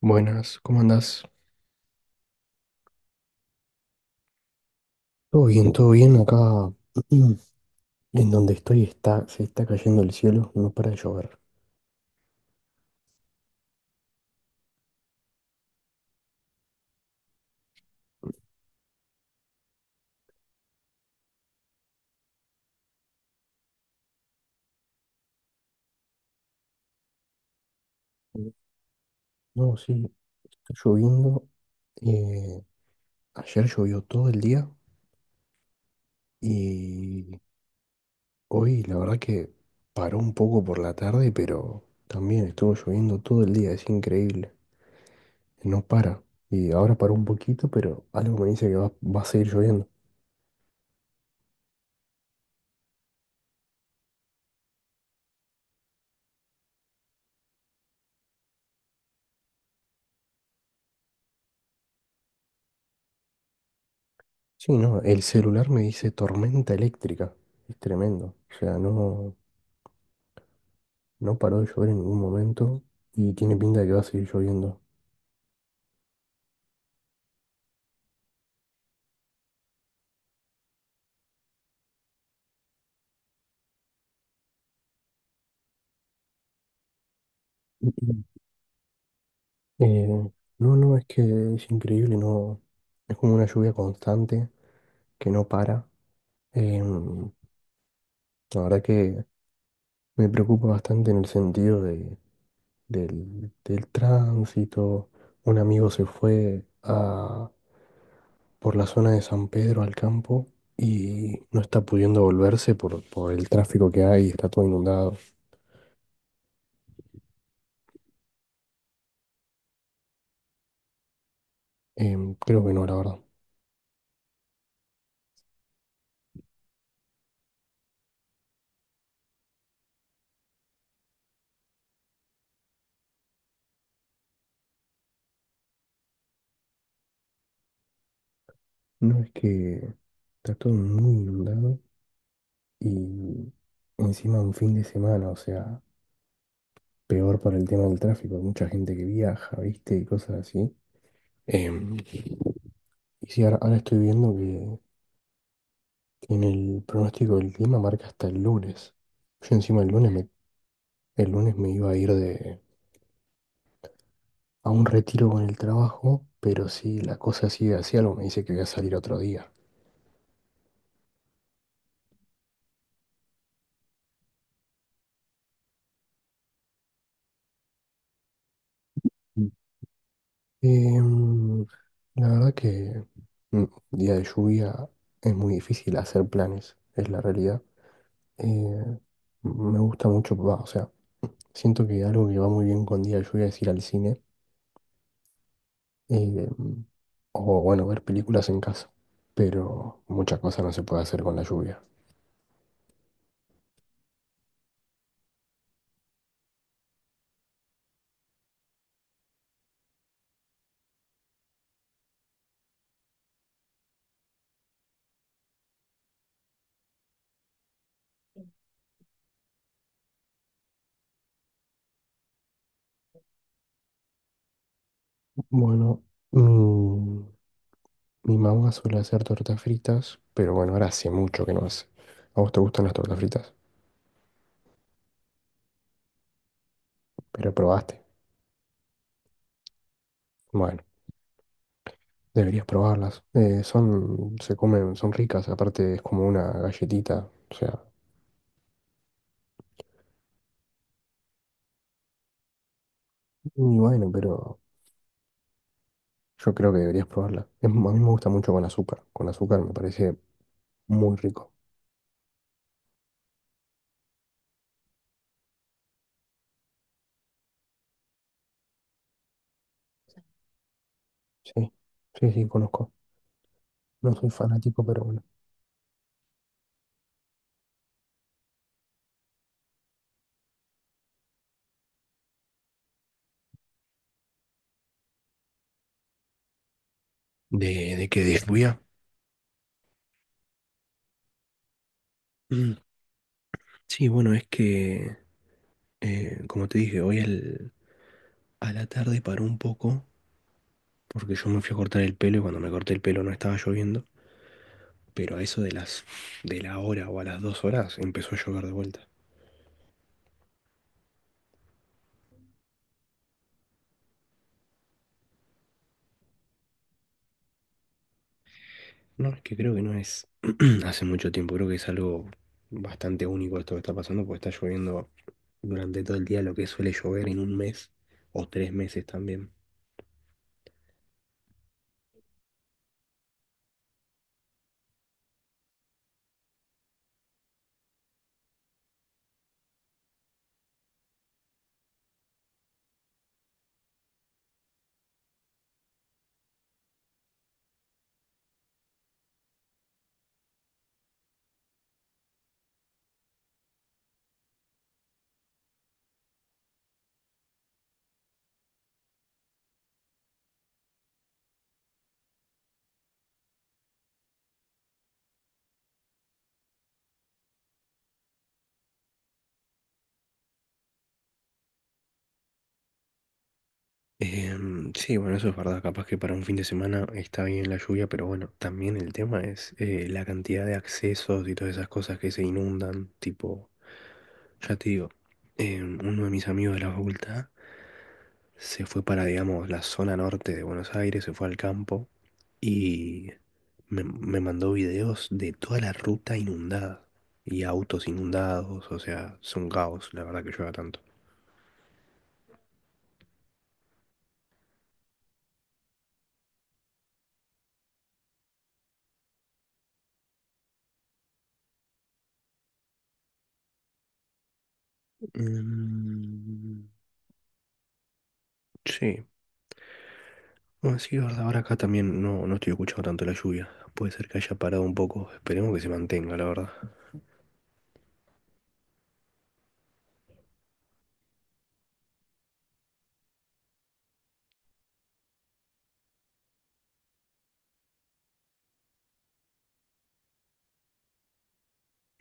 Buenas, ¿cómo andás? Todo bien, todo bien. Acá en donde estoy está, se está cayendo el cielo, no para de llover. No, sí, está lloviendo. eh, Ayer llovió todo el día y hoy la verdad que paró un poco por la tarde, pero también estuvo lloviendo todo el día, es increíble. No para. Y ahora paró un poquito, pero algo me dice que va a seguir lloviendo. Sí, no, el celular me dice tormenta eléctrica. Es tremendo. O sea, no, no paró de llover en ningún momento y tiene pinta de que va a seguir lloviendo. Eh, no, no, es que es increíble, no. Es como una lluvia constante que no para. Em, la verdad que me preocupa bastante en el sentido del tránsito. Un amigo se fue a, por la zona de San Pedro al campo y no está pudiendo volverse por el tráfico que hay, está todo inundado. Creo que no, la verdad. No, es que está todo muy inundado y encima un fin de semana, o sea, peor para el tema del tráfico, hay mucha gente que viaja, ¿viste? Y cosas así. Em, y sí, ahora estoy viendo que en el pronóstico del clima marca hasta el lunes. Yo encima el lunes me iba a ir de, a un retiro con el trabajo, pero si la cosa sigue así, algo me dice que voy a salir otro día. Mm. Em, la verdad que mm, día de lluvia es muy difícil hacer planes, es la realidad. Eh, Me gusta mucho, va, o sea, siento que algo que va muy bien con día de lluvia es ir al cine, em, o bueno, ver películas en casa, pero muchas cosas no se puede hacer con la lluvia. Bueno, mi, mi mamá suele hacer tortas fritas, pero bueno, ahora hace mucho que no hace. ¿A vos te gustan las tortas fritas? Pero probaste. Bueno, deberías probarlas. Son, se comen, son ricas, aparte es como una galletita. O sea, y bueno, pero yo creo que deberías probarla. Es- a mí me gusta mucho con azúcar. Con azúcar me parece muy rico. Sí, sí, sí, conozco. No soy fanático, pero bueno. De qué desvía? Mm. Sí, bueno, es que, como te dije, hoy al- a la tarde paró un poco porque yo me fui a cortar el pelo y cuando me corté el pelo no estaba lloviendo, pero a eso de las de la hora o a las dos horas empezó a llover de vuelta. No, es que creo que no es hace mucho tiempo, creo que es algo bastante único esto que está pasando porque está lloviendo durante todo el día lo que suele llover en un mes o tres meses también. Sí, bueno, eso es verdad. Capaz que para un fin de semana está bien la lluvia, pero bueno, también el tema es la cantidad de accesos y todas esas cosas que se inundan. Tipo, ya te digo, uno de mis amigos de la facultad se fue para, digamos, la zona norte de Buenos Aires, se fue al campo y me mandó videos de toda la ruta inundada y autos inundados. O sea, es un caos, la verdad que llueva tanto. Mm. Sí, bueno, sí, es verdad, ahora acá también no, no estoy escuchando tanto la lluvia. Puede ser que haya parado un poco. Esperemos que se mantenga, la verdad.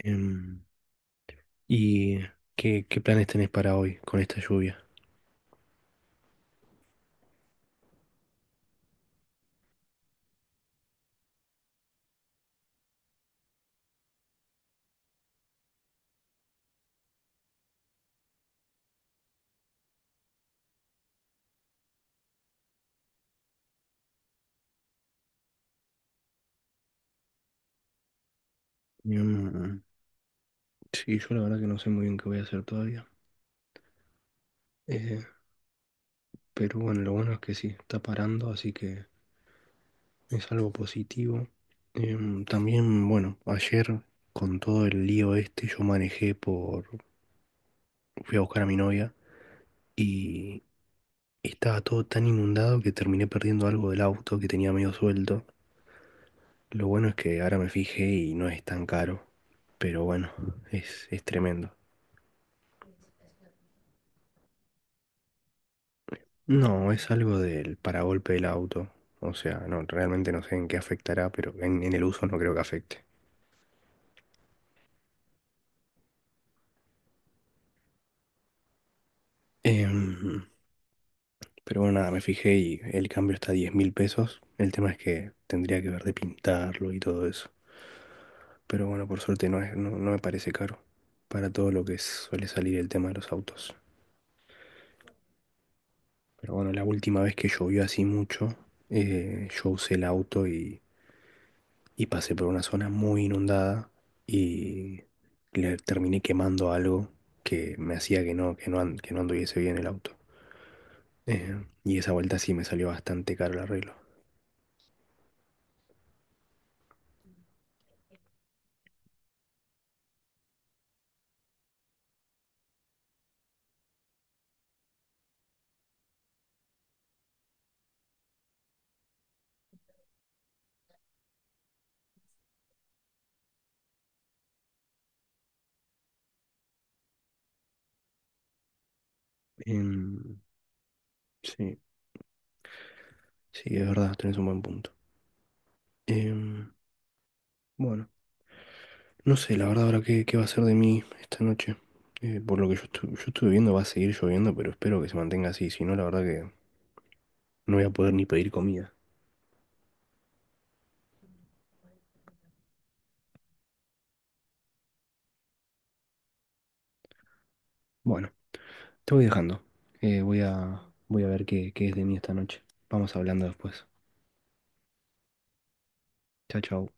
Em, ¿Y qué, qué planes tenés para hoy con esta lluvia? Em, sí, yo la verdad que no sé muy bien qué voy a hacer todavía. Eh, pero bueno, lo bueno es que sí, está parando, así que es algo positivo. También, bueno, ayer con todo el lío este, yo manejé por... Fui a buscar a mi novia. Y estaba todo tan inundado que terminé perdiendo algo del auto que tenía medio suelto. Lo bueno es que ahora me fijé y no es tan caro. Pero bueno, es tremendo. No, es algo del paragolpe del auto. O sea, no, realmente no sé en qué afectará, pero en el uso no creo que afecte. Em, pero bueno, nada, me fijé y el cambio está a 10 mil pesos. El tema es que tendría que ver de pintarlo y todo eso. Pero bueno, por suerte no es, no, no me parece caro para todo lo que suele salir el tema de los autos. Pero bueno, la última vez que llovió así mucho, yo usé el auto y pasé por una zona muy inundada y le terminé quemando algo que me hacía que no, an- que no anduviese bien el auto. Y esa vuelta sí me salió bastante caro el arreglo. Em, sí, sí, es verdad, tenés un buen punto. Em, bueno, no sé, la verdad ahora qué, qué va a ser de mí esta noche. Por lo que yo, estu- yo estuve viendo va a seguir lloviendo, pero espero que se mantenga así, si no la verdad que no voy a poder ni pedir comida. Bueno, te voy dejando. Voy a ver qué, qué es de mí esta noche. Vamos hablando después. Chao, chao.